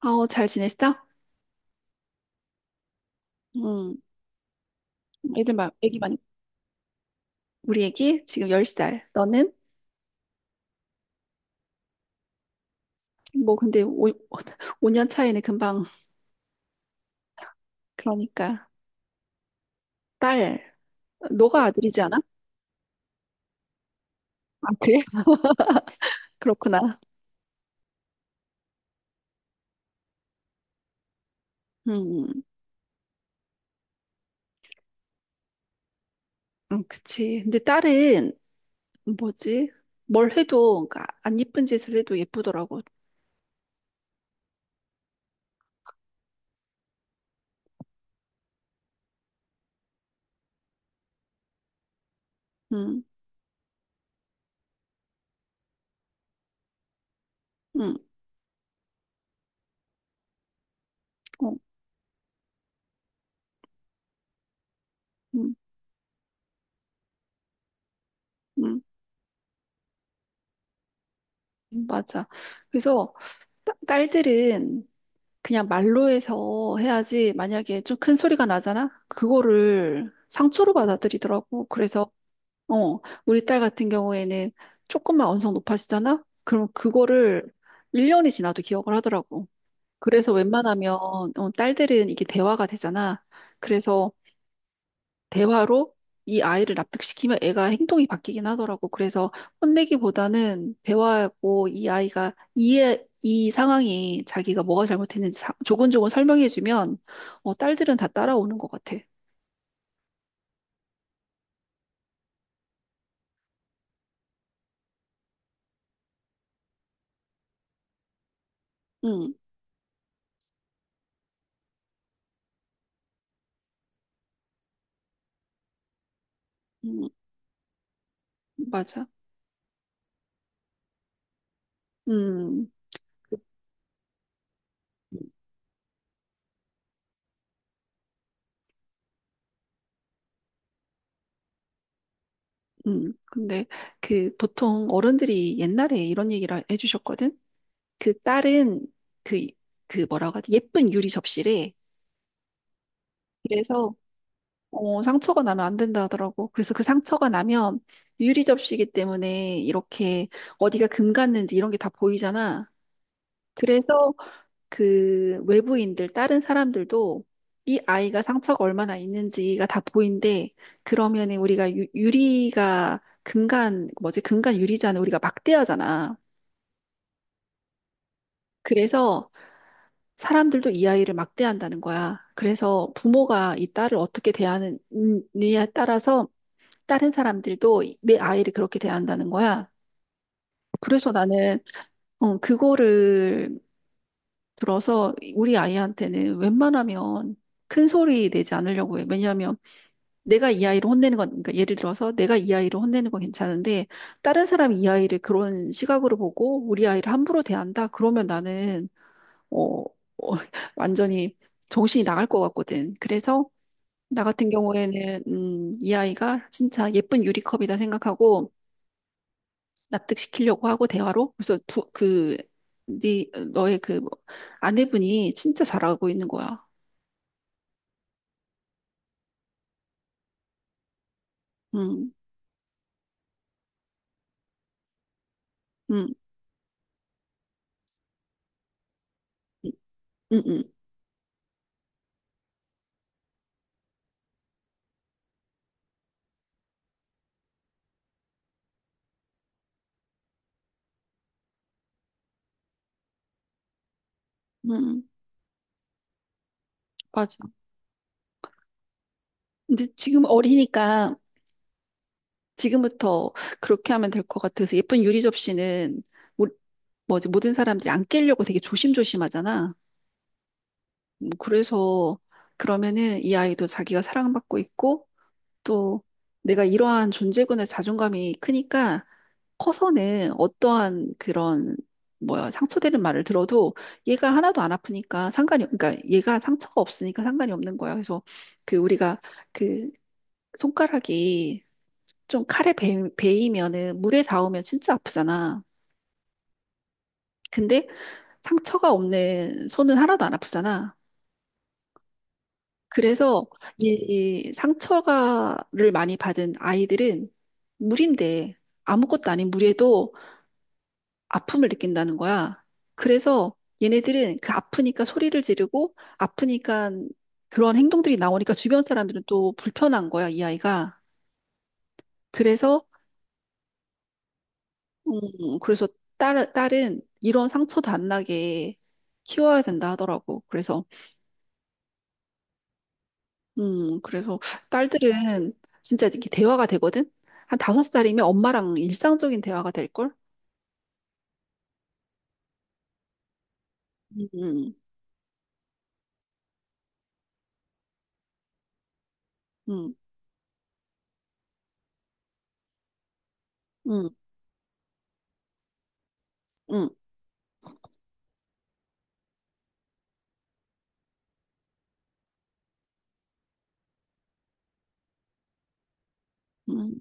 아, 어, 잘 지냈어? 음, 애들 막, 애기 많이, 우리 애기 지금 10살. 너는? 뭐, 근데 오 5년 차이는 금방, 그러니까. 딸, 너가 아들이지 않아? 아, 그래? 그렇구나. 음, 그치. 근데 딸은, 뭐지? 뭘 해도, 그러니까 안 예쁜 짓을 해도 예쁘더라고. 음, 음, 어, 음, 음, 맞아. 그래서, 딸들은, 그냥 말로 해서 해야지 만약에 좀 큰 소리가 나잖아? 그거를 상처로 받아들이더라고. 그래서 어, 우리 딸 같은 경우에는 조금만 언성 높아지잖아? 그럼 그거를 1년이 지나도 기억을 하더라고. 그래서 웬만하면 어, 딸들은 이게 대화가 되잖아. 그래서 대화로 이 아이를 납득시키면 애가 행동이 바뀌긴 하더라고. 그래서 혼내기보다는 대화하고 이 아이가 이해, 이 상황이 자기가 뭐가 잘못했는지 조곤조곤 설명해주면 어, 딸들은 다 따라오는 것 같아. 응, 응, 맞아. 음, 그, 근데 그 보통 어른들이 옛날에 이런 얘기를 해주셨거든. 그 딸은 그, 그 뭐라고 하지? 예쁜 유리 접시래. 그래서 어, 상처가 나면 안 된다 하더라고. 그래서 그 상처가 나면 유리 접시이기 때문에 이렇게 어디가 금 갔는지 이런 게 다 보이잖아. 그래서 그 외부인들, 다른 사람들도 이 아이가 상처가 얼마나 있는지가 다 보인대. 그러면 우리가 유리가 금간, 뭐지, 금간 유리잖아. 우리가 막대하잖아. 그래서 사람들도 이 아이를 막대한다는 거야. 그래서 부모가 이 딸을 어떻게 대하느냐에 따라서 다른 사람들도 내 아이를 그렇게 대한다는 거야. 그래서 나는 어, 그거를 들어서 우리 아이한테는 웬만하면 큰 소리 내지 않으려고 해. 왜냐하면 내가 이 아이를 혼내는 건, 그러니까 예를 들어서 내가 이 아이를 혼내는 건 괜찮은데 다른 사람이 이 아이를 그런 시각으로 보고 우리 아이를 함부로 대한다? 그러면 나는 어, 어, 완전히 정신이 나갈 것 같거든. 그래서 나 같은 경우에는 이 아이가 진짜 예쁜 유리컵이다 생각하고 납득시키려고 하고 대화로 그래서 그, 네 너의 그 뭐, 아내분이 진짜 잘하고 있는 거야. 응 응 응 응 응 응, 맞아. 근데 지금 어리니까 지금부터 그렇게 하면 될 것 같아서 예쁜 유리 접시는 모- 뭐지, 모든 사람들이 안 깨려고 되게 조심조심하잖아. 그래서 그러면은 이 아이도 자기가 사랑받고 있고 또 내가 이러한 존재군의 자존감이 크니까 커서는 어떠한 그런 뭐야 상처되는 말을 들어도 얘가 하나도 안 아프니까 상관이 그러니까 얘가 상처가 없으니까 상관이 없는 거야. 그래서 그 우리가 그 손가락이 좀 칼에 베이면은 물에 닿으면 진짜 아프잖아. 근데 상처가 없는 손은 하나도 안 아프잖아. 그래서 이, 이 상처가를 많이 받은 아이들은 물인데 아무것도 아닌 물에도 아픔을 느낀다는 거야. 그래서 얘네들은 그 아프니까 소리를 지르고 아프니까 그런 행동들이 나오니까 주변 사람들은 또 불편한 거야, 이 아이가. 그래서 그래서 딸은 이런 상처도 안 나게 키워야 된다 하더라고. 그래서 그래서 딸들은 진짜 이렇게 대화가 되거든. 한 다섯 살이면 엄마랑 일상적인 대화가 될 걸? 음, 음, 음, 음, 음,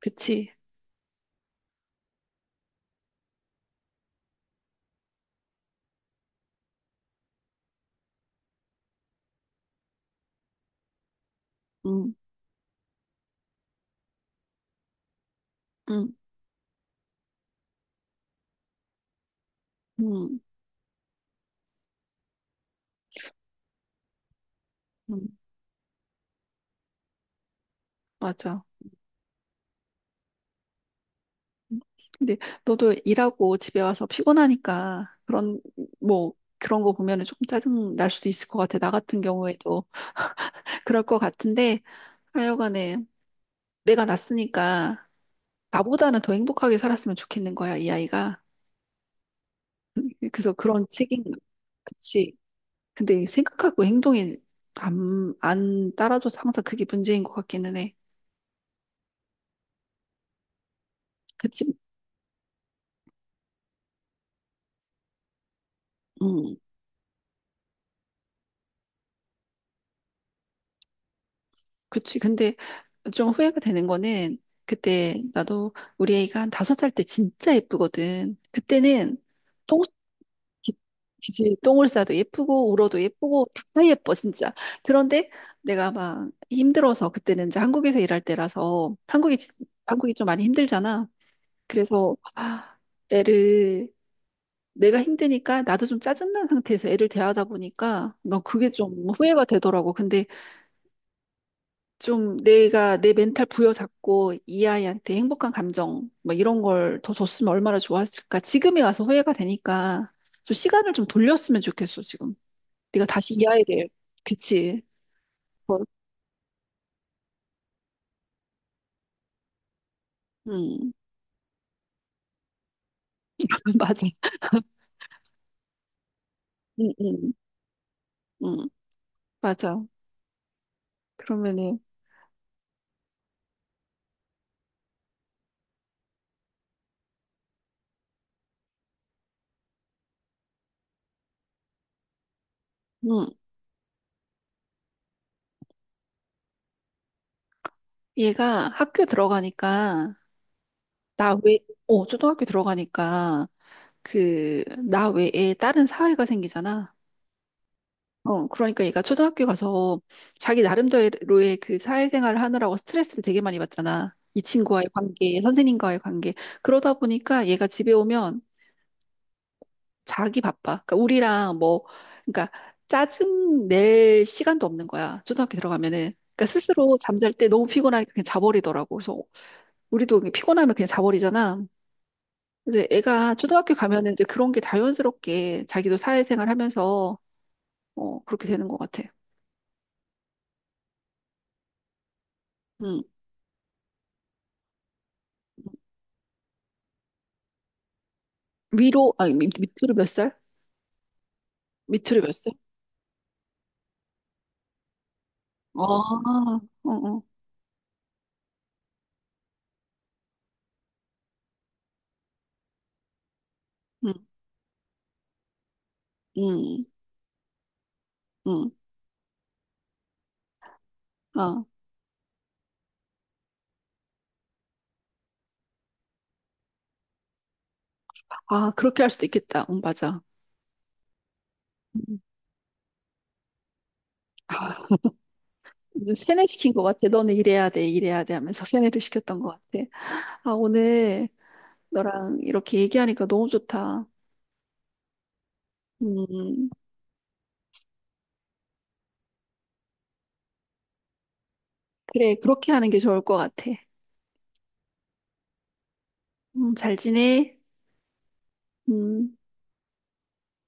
그치. 음, 음, 음, 음, 맞아. 근데 너도 일하고 집에 와서 피곤하니까 그런 뭐 그런 거 보면은 조금 짜증 날 수도 있을 것 같아. 나 같은 경우에도 그럴 것 같은데 하여간에 내가 낳았으니까 나보다는 더 행복하게 살았으면 좋겠는 거야, 이 아이가. 그래서 그런 책임, 그치. 근데 생각하고 행동이 안 따라줘서 항상 그게 문제인 것 같기는 해. 그치? 음. 그치. 근데 좀 후회가 되는 거는 그때 나도 우리 애가 한 5살 때 진짜 예쁘거든. 그때는 똥, 기- 기지, 똥을 싸도 예쁘고 울어도 예쁘고 다 예뻐 진짜. 그런데 내가 막 힘들어서 그때는 이제 한국에서 일할 때라서 한국이 좀 많이 힘들잖아. 그래서 아, 애를 내가 힘드니까 나도 좀 짜증난 상태에서 애를 대하다 보니까 나 그게 좀 후회가 되더라고. 근데 좀 내가 내 멘탈 부여잡고 이 아이한테 행복한 감정 뭐 이런 걸 더 줬으면 얼마나 좋았을까. 지금에 와서 후회가 되니까 좀 시간을 좀 돌렸으면 좋겠어, 지금. 네가 다시 이 아이를. 그치. 뭐, 음. 맞아. 응, 응, 응. 맞아. 그러면은 응, 얘가 학교 들어가니까 나 외, 어, 초등학교 들어가니까 그 나 외에 다른 사회가 생기잖아. 어, 그러니까 얘가 초등학교 가서 자기 나름대로의 그 사회생활을 하느라고 스트레스를 되게 많이 받잖아. 이 친구와의 관계, 선생님과의 관계. 그러다 보니까 얘가 집에 오면 자기 바빠. 그러니까 우리랑 뭐, 그러니까 짜증 낼 시간도 없는 거야. 초등학교 들어가면은. 그러니까 스스로 잠잘 때 너무 피곤하니까 그냥 자버리더라고. 그래서 우리도 피곤하면 그냥 자버리잖아. 근데 애가 초등학교 가면은 이제 그런 게 자연스럽게 자기도 사회생활 하면서 어, 그렇게 되는 것 같아. 응. 위로, 아니, 밑으로 몇 살? 밑으로 몇 살? 아, 어, 어, 응, 응, 응, 아, 아, 그렇게 할 수도 있겠다. 응, 맞아. 음, 세뇌시킨 것 같아. 너는 이래야 돼, 이래야 돼 하면서 세뇌를 시켰던 것 같아. 아, 오늘 너랑 이렇게 얘기하니까 너무 좋다. 음, 그래, 그렇게 하는 게 좋을 것 같아. 잘 지내? 음.